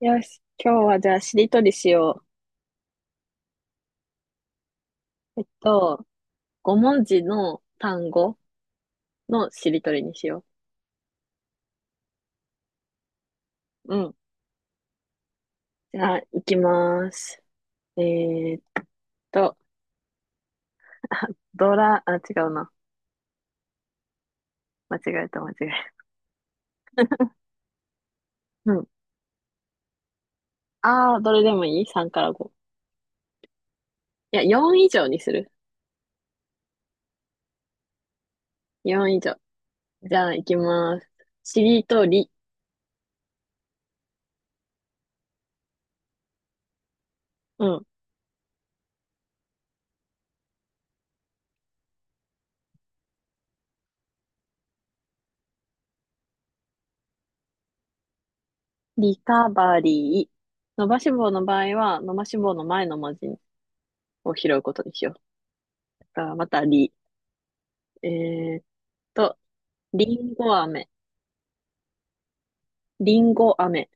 よし、今日はじゃあしりとりしよう。5文字の単語のしりとりにしよう。うん。じゃあ、いきます。えーっと、ドラ、あ、違うな。間違えた、間違えた。うん。あー、どれでもいい？ 3 から5。いや、4以上にする。4以上。じゃあ、いきます。しりとり、うん。リカバリー。伸ばし棒の場合は、伸ばし棒の前の文字を拾うことにしよう。だからまた、り。えーっと、りんご飴。リンゴ飴、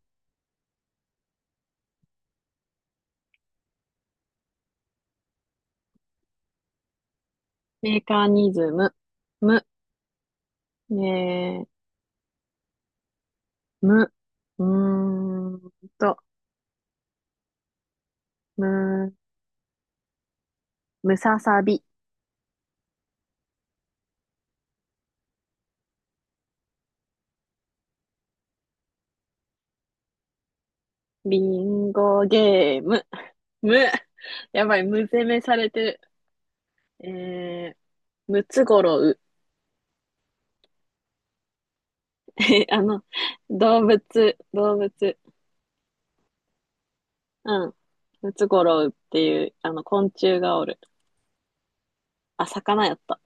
メカニズム、む、ね、む、うーんと、む、むささび、リンゴゲーム、む、やばい、む攻めされてる。えー、ムツゴロウ、あの、動物、動物、うん、ムツゴロウっていう、昆虫がおる。あ、魚やった。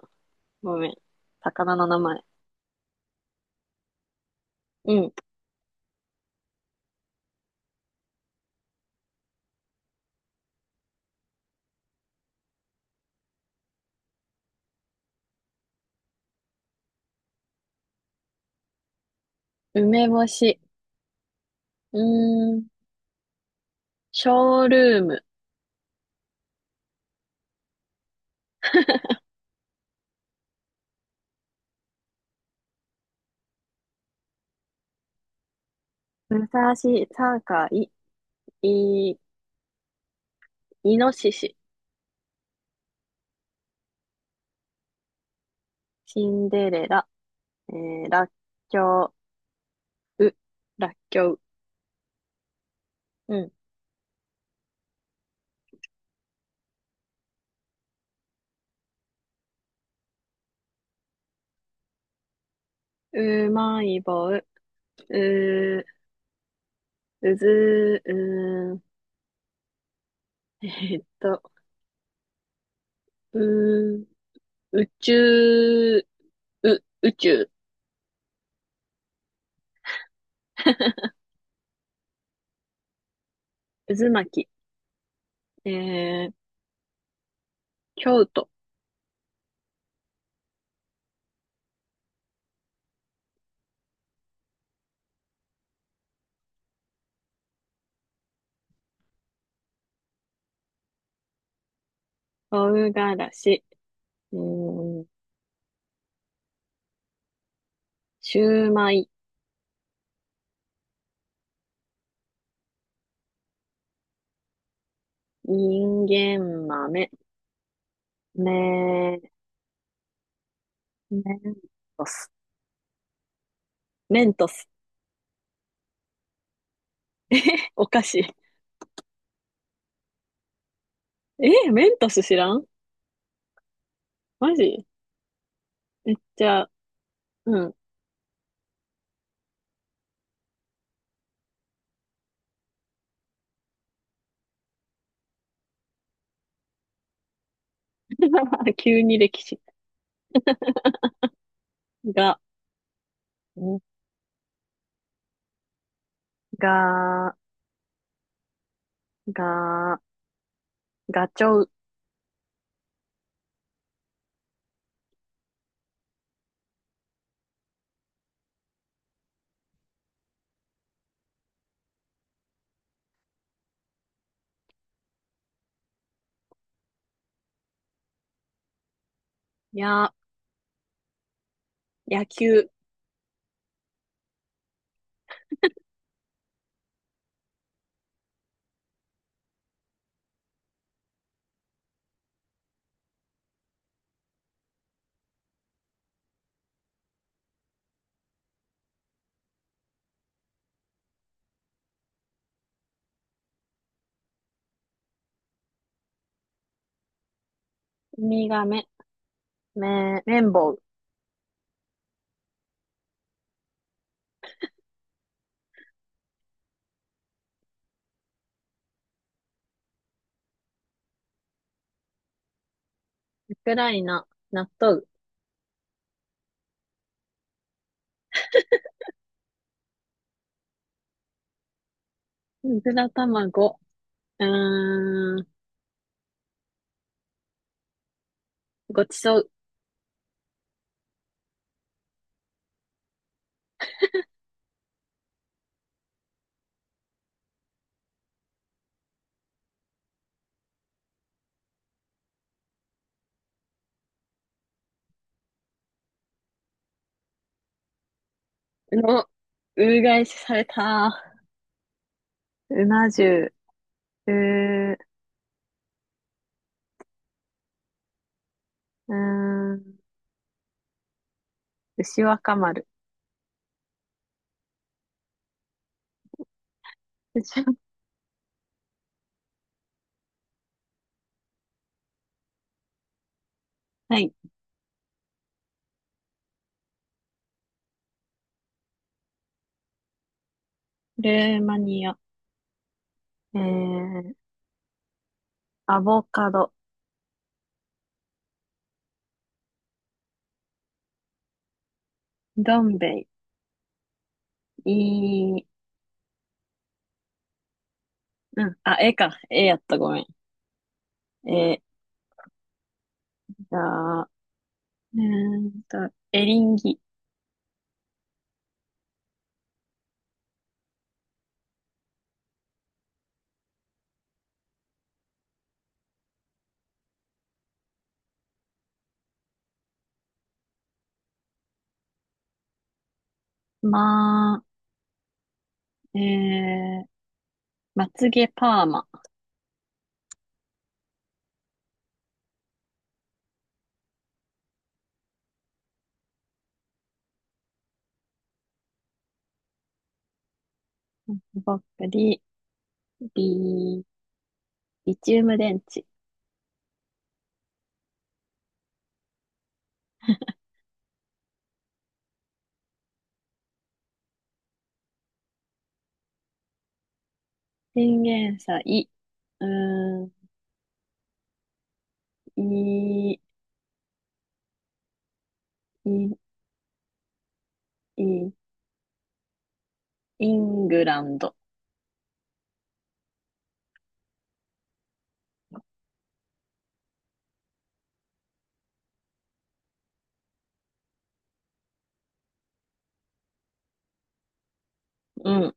ごめん。魚の名前。うん。梅干し。うーん。ショールーム。武蔵境、い、いのしし、シンデレラ、らっきょう、う、らっきょう、うん、うまい棒、う、うず、うー、ーっと、う、宇宙、う、宇宙、渦巻き、えー、京都、唐辛子、うーん、シューマイ、人間豆、メ、メントス、メントス、お菓子。え、メントス知らん。マジ。じゃあ、うん。急に歴史が、んが、が、ガチョウ、や、野球、ウミガメ、め、綿棒、ウクライナ、納豆、うずら卵、うーん、ごちそうの、うがいしされた。うな重、う、うーん、牛若丸、牛若はい。ルーマニア、えー、アボカド、どん兵衛、いい、うん、あ、絵か。絵やった、ごめん。じゃあ、エリンギ、まあ、まつげパーマ、ばっかり、リ、リチウム電池、チンゲンサイ、うーん、い、い、い、イングランド、うん、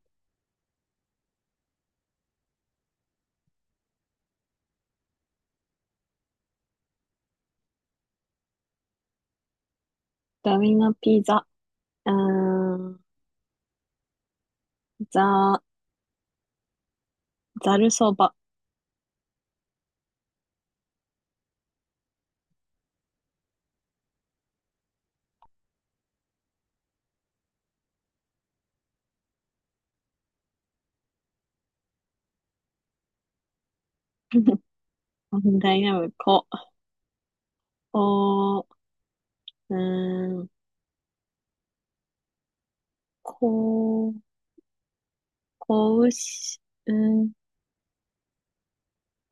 ダミノピザ、うーん、ザ、ザルそば、ダイナムコ、お、ーん、こ、交渉、うん、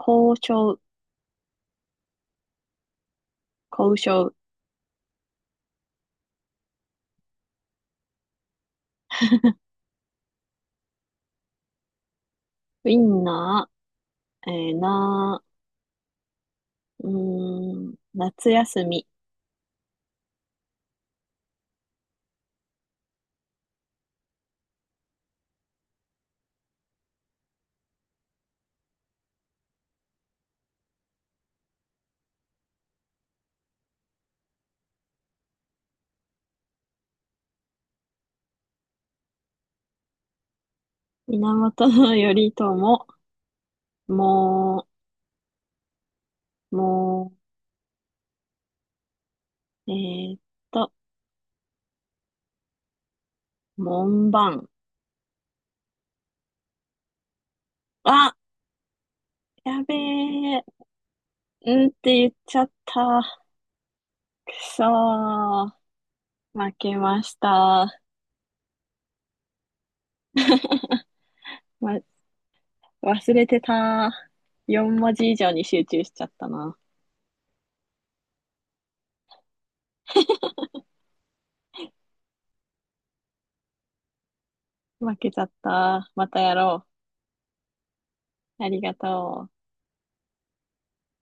交渉、交渉、ウィンナー、な、夏休み、源頼朝、もう、もう、と、門番。あ、やべえ、うんって言っちゃった。くそー、負けました。ま、忘れてた。4文字以上に集中しちゃったな。負けちゃった。またやろう。ありがとう。